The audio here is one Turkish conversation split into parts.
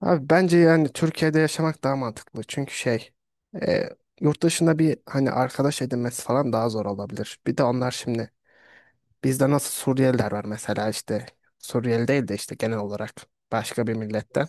Abi bence yani Türkiye'de yaşamak daha mantıklı. Çünkü şey e, yurt dışında bir hani arkadaş edinmesi falan daha zor olabilir. Bir de onlar şimdi bizde nasıl Suriyeliler var mesela işte Suriyeli değil de işte genel olarak başka bir milletten.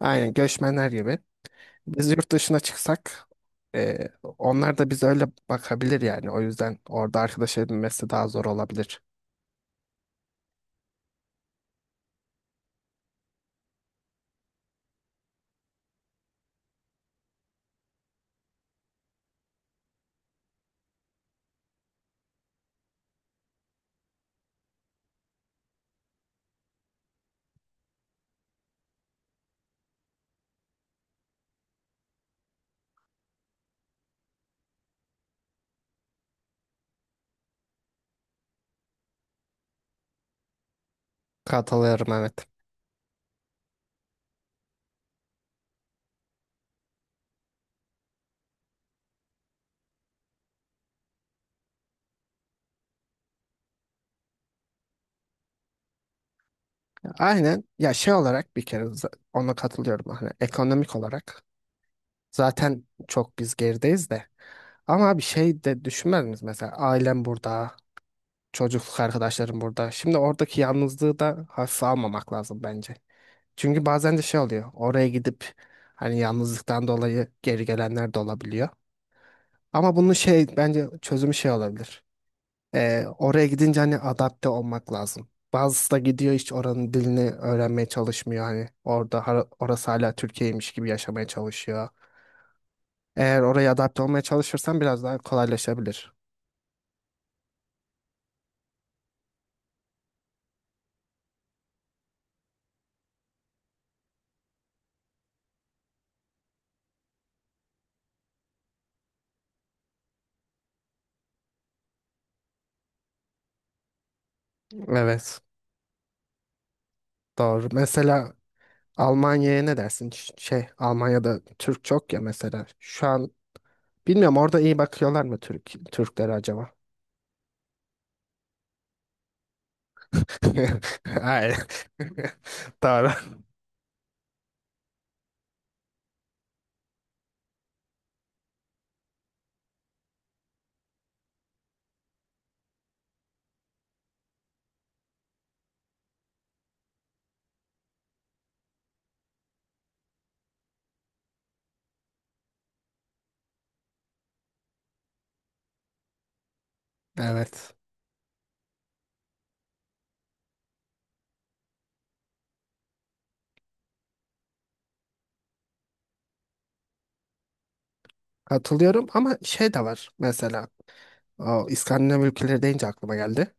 Aynen göçmenler gibi. Biz yurt dışına çıksak e, onlar da bize öyle bakabilir yani. O yüzden orada arkadaş edinmesi daha zor olabilir. Katılıyorum evet. Aynen ya şey olarak bir kere ona katılıyorum hani ekonomik olarak zaten çok biz gerideyiz de. Ama bir şey de düşünmez misiniz? Mesela ailem burada, çocukluk arkadaşlarım burada. Şimdi oradaki yalnızlığı da hafife almamak lazım bence. Çünkü bazen de şey oluyor. Oraya gidip hani yalnızlıktan dolayı geri gelenler de olabiliyor. Ama bunun şey bence çözümü şey olabilir. Oraya gidince hani adapte olmak lazım. Bazısı da gidiyor, hiç oranın dilini öğrenmeye çalışmıyor. Hani orada orası hala Türkiye'ymiş gibi yaşamaya çalışıyor. Eğer oraya adapte olmaya çalışırsan biraz daha kolaylaşabilir. Evet, doğru. Mesela Almanya'ya ne dersin? Şey, Almanya'da Türk çok ya mesela. Şu an bilmiyorum, orada iyi bakıyorlar mı Türklere acaba? Hayır. Doğru. Evet. Katılıyorum ama şey de var mesela. O İskandinav ülkeleri deyince aklıma geldi.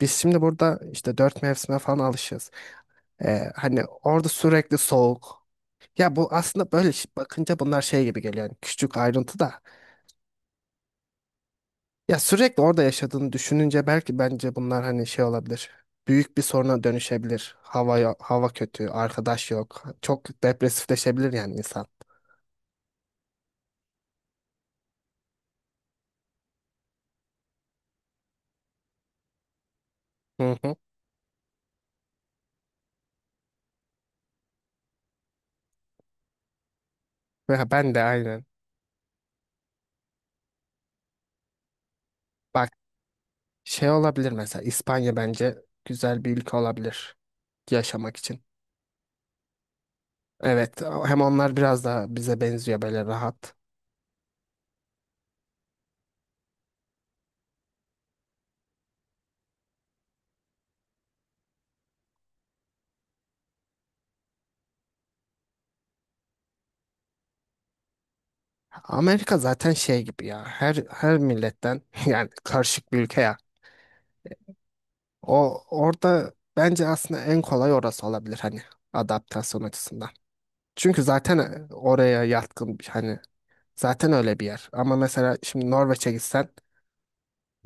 Biz şimdi burada işte dört mevsime falan alışız. Hani orada sürekli soğuk. Ya bu aslında böyle bakınca bunlar şey gibi geliyor. Yani küçük ayrıntı da. Ya sürekli orada yaşadığını düşününce belki bence bunlar hani şey olabilir. Büyük bir soruna dönüşebilir. Hava hava kötü, arkadaş yok. Çok depresifleşebilir yani insan. Hı hı. Ve ben de aynen. Bak, şey olabilir, mesela İspanya bence güzel bir ülke olabilir yaşamak için. Evet, hem onlar biraz daha bize benziyor, böyle rahat. Amerika zaten şey gibi ya, her milletten yani karışık bir ülke ya. O orada bence aslında en kolay orası olabilir, hani adaptasyon açısından. Çünkü zaten oraya yatkın hani zaten öyle bir yer. Ama mesela şimdi Norveç'e gitsen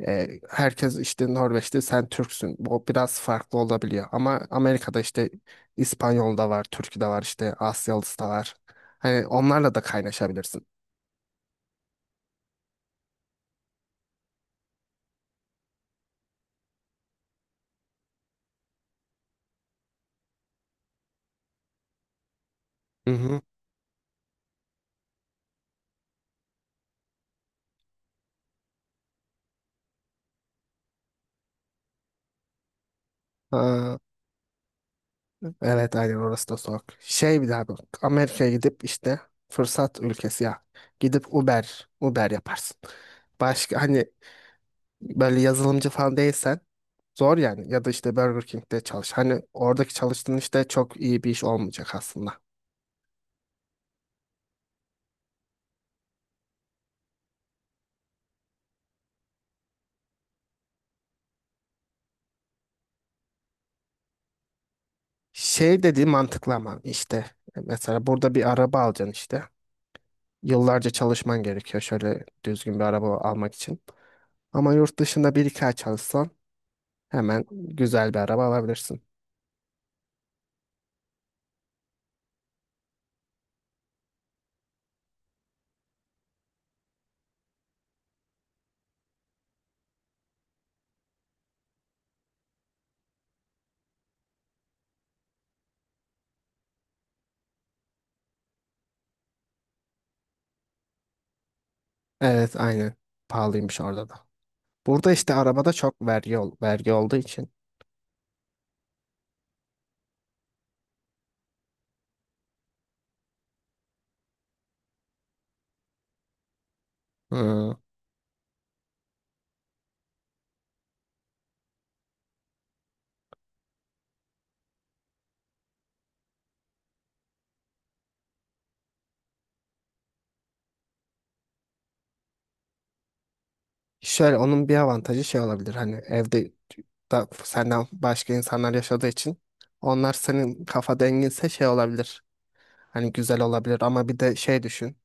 herkes işte Norveç'te sen Türksün. O biraz farklı olabiliyor. Ama Amerika'da işte İspanyol da var, Türk de var, işte Asyalısı da var. Hani onlarla da kaynaşabilirsin. Hı hı. Evet, aynen, orası da soğuk. Şey, bir daha bak. Amerika'ya gidip işte fırsat ülkesi ya. Gidip Uber yaparsın. Başka hani böyle yazılımcı falan değilsen zor yani. Ya da işte Burger King'de çalış. Hani oradaki çalıştığın işte çok iyi bir iş olmayacak aslında. Şey dediği mantıklı ama işte mesela burada bir araba alacaksın işte. Yıllarca çalışman gerekiyor şöyle düzgün bir araba almak için. Ama yurt dışında bir iki ay çalışsan hemen güzel bir araba alabilirsin. Evet, aynı, pahalıymış orada da. Burada işte arabada çok vergi, vergi olduğu için. Hmm, şöyle onun bir avantajı şey olabilir, hani evde da senden başka insanlar yaşadığı için onlar senin kafa denginse şey olabilir. Hani güzel olabilir ama bir de şey düşün.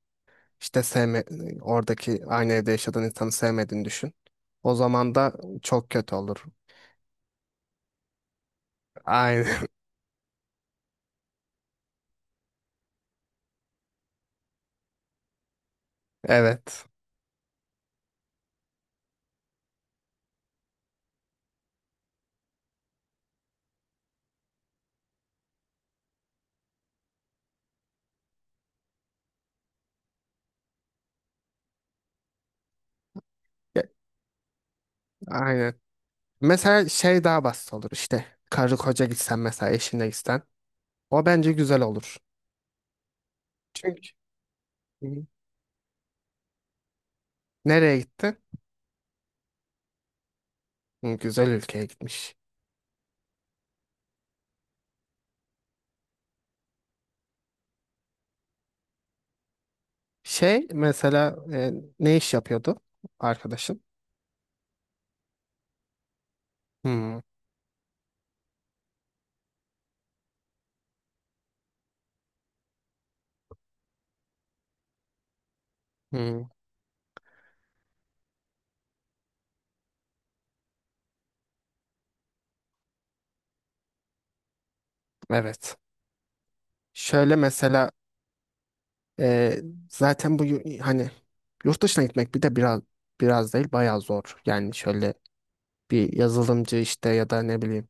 İşte oradaki aynı evde yaşadığın insanı sevmediğini düşün. O zaman da çok kötü olur. Aynen. Evet. Ya, aynen. Mesela şey daha basit olur işte. Karı koca gitsen, mesela eşinle gitsen. O bence güzel olur. Çünkü hı hı. Nereye gitti? Hı, güzel ülkeye gitmiş. Şey, mesela ne iş yapıyordu arkadaşın? Hı, hı, evet. Şöyle mesela Ee, zaten bu hani yurt dışına gitmek bir de biraz değil bayağı zor. Yani şöyle bir yazılımcı işte ya da ne bileyim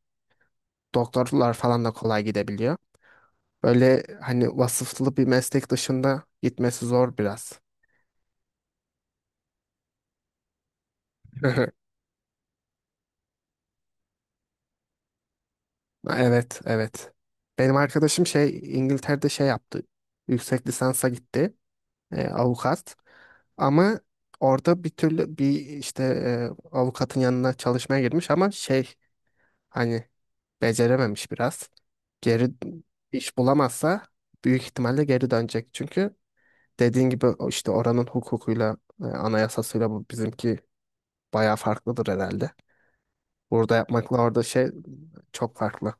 doktorlar falan da kolay gidebiliyor. Böyle hani vasıflı bir meslek dışında gitmesi zor biraz. Evet, evet. Benim arkadaşım şey İngiltere'de şey yaptı. Yüksek lisansa gitti. Avukat. Ama orada bir türlü bir işte avukatın yanına çalışmaya girmiş ama şey hani becerememiş biraz. Geri iş bulamazsa büyük ihtimalle geri dönecek. Çünkü dediğin gibi o işte oranın hukukuyla, anayasasıyla bu bizimki bayağı farklıdır herhalde. Burada yapmakla orada şey çok farklı.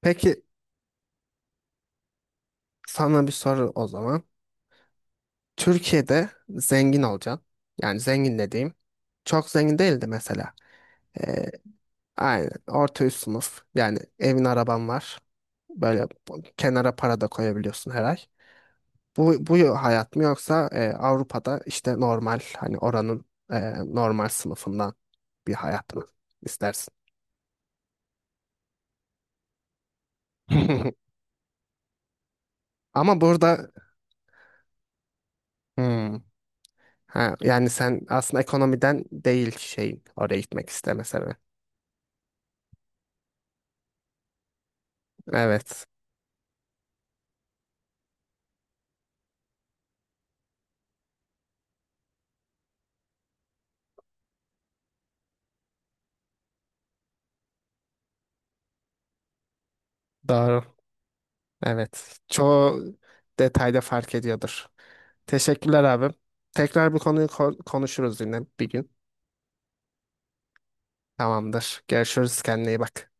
Peki, sana bir soru o zaman. Türkiye'de zengin olacaksın. Yani zengin dediğim çok zengin değildi mesela. E, aynen orta üst sınıf. Yani evin, araban var. Böyle kenara para da koyabiliyorsun her ay. Bu hayat mı, yoksa Avrupa'da işte normal hani oranın normal sınıfından bir hayat mı istersin? Ama burada hmm. Ha, yani sen aslında ekonomiden değil şeyin oraya gitmek isteme sebebi. Evet, doğru, evet, çoğu detayda fark ediyordur. Teşekkürler abim. Tekrar bu konuyu konuşuruz yine bir gün. Tamamdır. Görüşürüz, kendine iyi bak.